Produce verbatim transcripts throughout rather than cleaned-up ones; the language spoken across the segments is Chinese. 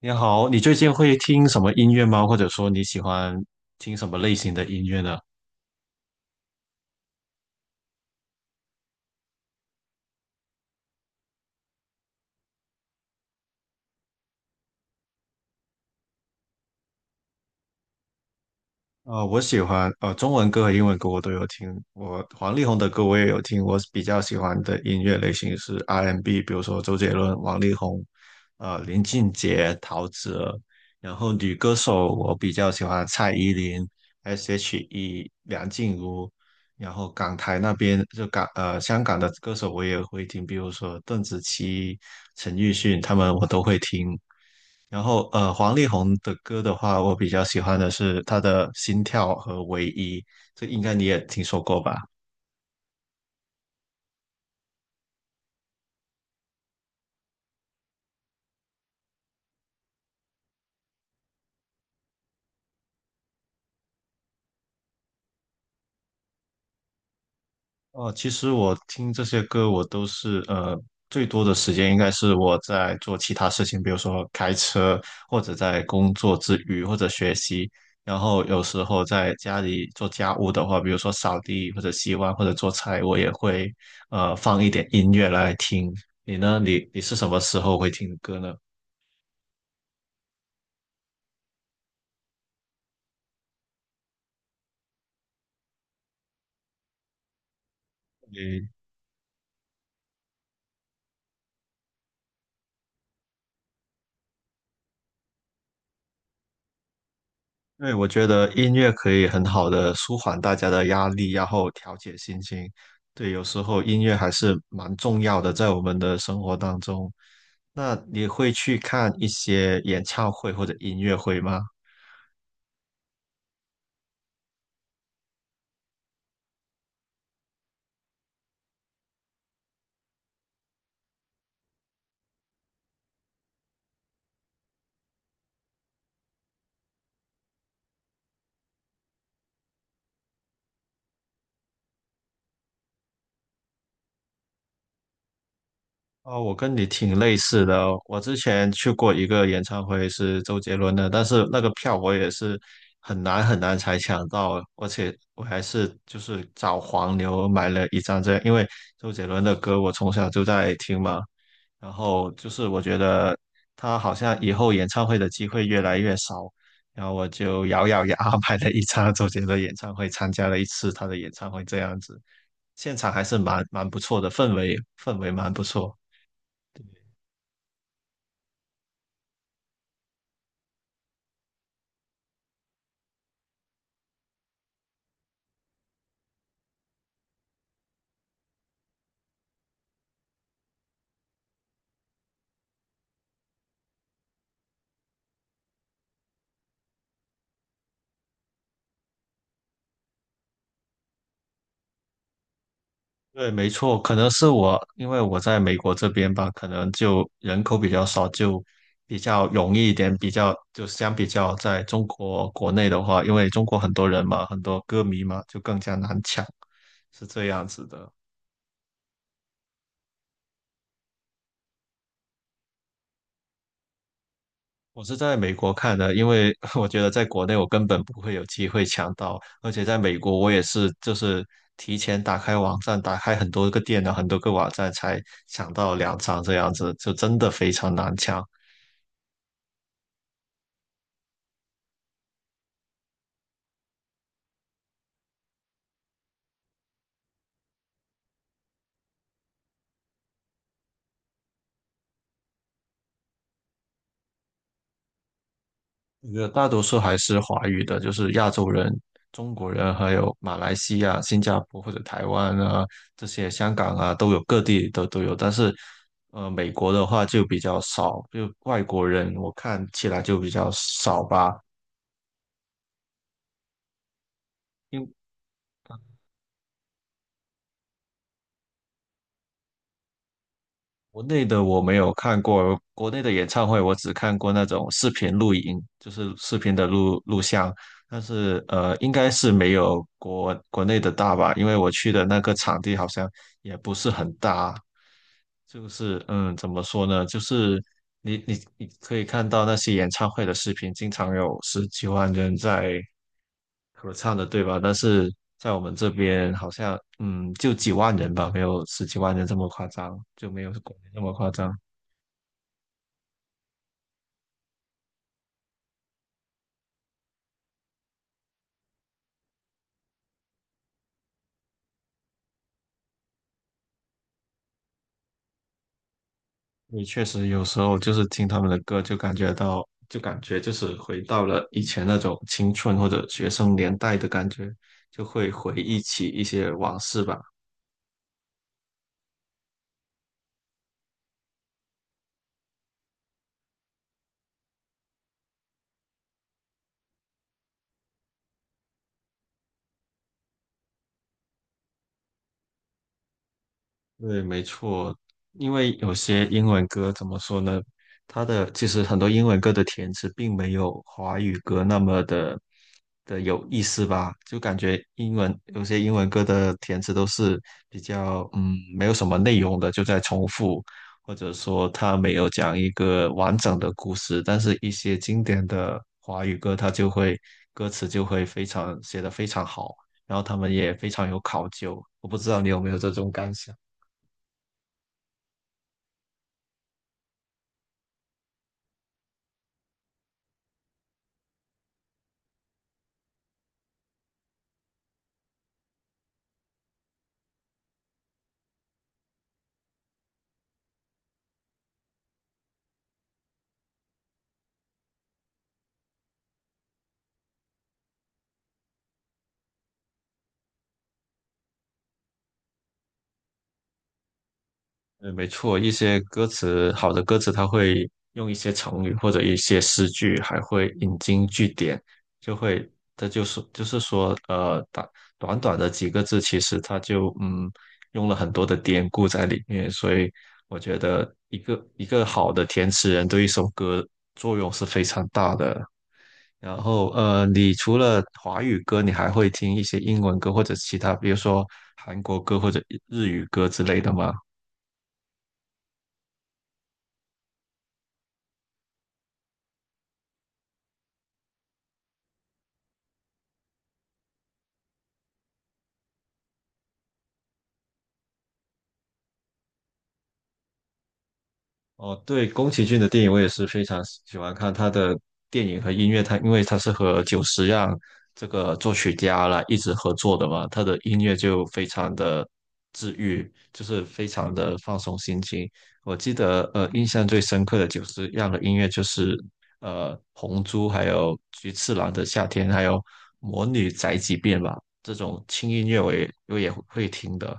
你好，你最近会听什么音乐吗？或者说你喜欢听什么类型的音乐呢？呃，我喜欢呃中文歌和英文歌我都有听，我黄力宏的歌我也有听。我比较喜欢的音乐类型是 R and B，n 比如说周杰伦、王力宏、呃林俊杰、陶喆。然后女歌手我比较喜欢蔡依林、S H E、梁静茹。然后港台那边就港呃香港的歌手我也会听，比如说邓紫棋、陈奕迅他们我都会听。然后呃，黄丽宏的歌的话，我比较喜欢的是他的《心跳》和《唯一》，这应该你也听说过吧？哦，其实我听这些歌，我都是呃，最多的时间应该是我在做其他事情，比如说开车，或者在工作之余，或者学习。然后有时候在家里做家务的话，比如说扫地或者洗碗或者做菜，我也会呃放一点音乐来听。你呢？你你是什么时候会听歌呢？你？对，我觉得音乐可以很好的舒缓大家的压力，然后调节心情。对，有时候音乐还是蛮重要的，在我们的生活当中。那你会去看一些演唱会或者音乐会吗？哦，我跟你挺类似的哦。我之前去过一个演唱会，是周杰伦的，但是那个票我也是很难很难才抢到，而且我还是就是找黄牛买了一张这样，因为周杰伦的歌我从小就在听嘛。然后就是我觉得他好像以后演唱会的机会越来越少，然后我就咬咬牙 买了一张周杰伦演唱会，参加了一次他的演唱会，这样子，现场还是蛮蛮不错的，氛围氛围蛮不错。对，没错，可能是我，因为我在美国这边吧，可能就人口比较少，就比较容易一点，比较就相比较在中国国内的话，因为中国很多人嘛，很多歌迷嘛，就更加难抢，是这样子的。我是在美国看的，因为 我觉得在国内我根本不会有机会抢到，而且在美国我也是就是提前打开网站，打开很多个电脑，很多个网站才抢到两张这样子，就真的非常难抢。我觉得大多数还是华语的，就是亚洲人、中国人，还有马来西亚、新加坡或者台湾啊这些，香港啊都有，各地都都有，但是。呃，美国的话就比较少，就外国人我看起来就比较少吧。因国内的我没有看过，国内的演唱会我只看过那种视频录影，就是视频的录录像，但是呃，应该是没有国国内的大吧，因为我去的那个场地好像也不是很大，就是嗯，怎么说呢，就是你你你可以看到那些演唱会的视频，经常有十几万人在合唱的，对吧？但是在我们这边好像，嗯，就几万人吧，没有十几万人这么夸张，就没有国内那么夸张。你确实有时候就是听他们的歌，就感觉到，就感觉就是回到了以前那种青春或者学生年代的感觉，就会回忆起一些往事吧。对，没错，因为有些英文歌怎么说呢？它的其实很多英文歌的填词并没有华语歌那么的的有意思吧，就感觉英文有些英文歌的填词都是比较嗯没有什么内容的，就在重复，或者说它没有讲一个完整的故事，但是一些经典的华语歌，它就会歌词就会非常写得非常好，然后他们也非常有考究，我不知道你有没有这种感想。嗯，没错，一些歌词好的歌词，它会用一些成语或者一些诗句，还会引经据典，就会，这就是就是说，呃，短短短的几个字，其实它就嗯用了很多的典故在里面，所以我觉得一个一个好的填词人对一首歌作用是非常大的。然后，呃，你除了华语歌，你还会听一些英文歌或者其他，比如说韩国歌或者日语歌之类的吗？哦，对，宫崎骏的电影我也是非常喜喜欢看他的电影和音乐，他因为他是和久石让这个作曲家啦一直合作的嘛，他的音乐就非常的治愈，就是非常的放松心情。我记得呃，印象最深刻的久石让的音乐就是呃《红猪》还有《菊次郎的夏天》还有《魔女宅急便》吧，这种轻音乐我也我也会听的。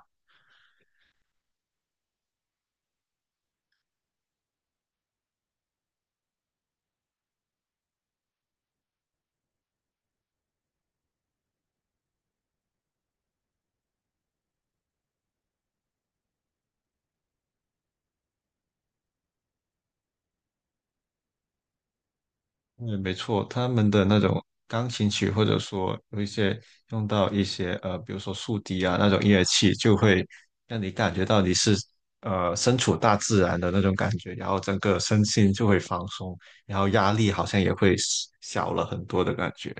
嗯，没错，他们的那种钢琴曲，或者说有一些用到一些呃，比如说竖笛啊那种乐器，就会让你感觉到你是呃身处大自然的那种感觉，然后整个身心就会放松，然后压力好像也会小了很多的感觉。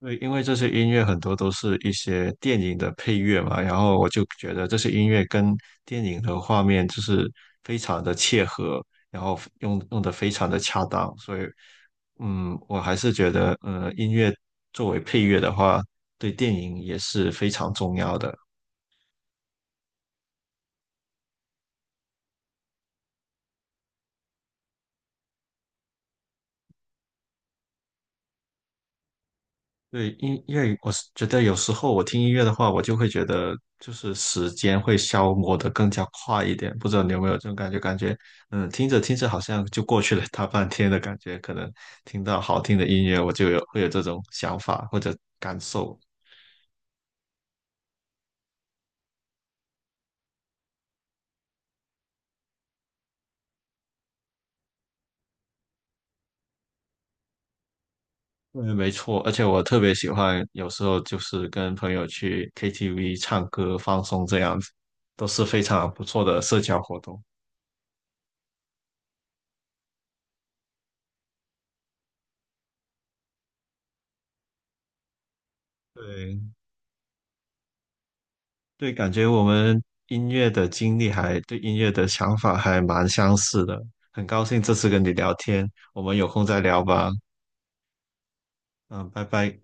对，因为这些音乐很多都是一些电影的配乐嘛，然后我就觉得这些音乐跟电影的画面就是非常的切合，然后用用的非常的恰当，所以，嗯，我还是觉得，呃，音乐作为配乐的话，对电影也是非常重要的。对，因因为我是觉得有时候我听音乐的话，我就会觉得就是时间会消磨的更加快一点。不知道你有没有这种感觉？感觉嗯，听着听着好像就过去了大半天的感觉。可能听到好听的音乐，我就有会有这种想法或者感受。嗯，没错。而且我特别喜欢，有时候就是跟朋友去 K T V 唱歌放松这样子，都是非常不错的社交活动。对，对，感觉我们音乐的经历还对音乐的想法还蛮相似的，很高兴这次跟你聊天，我们有空再聊吧。嗯，拜拜。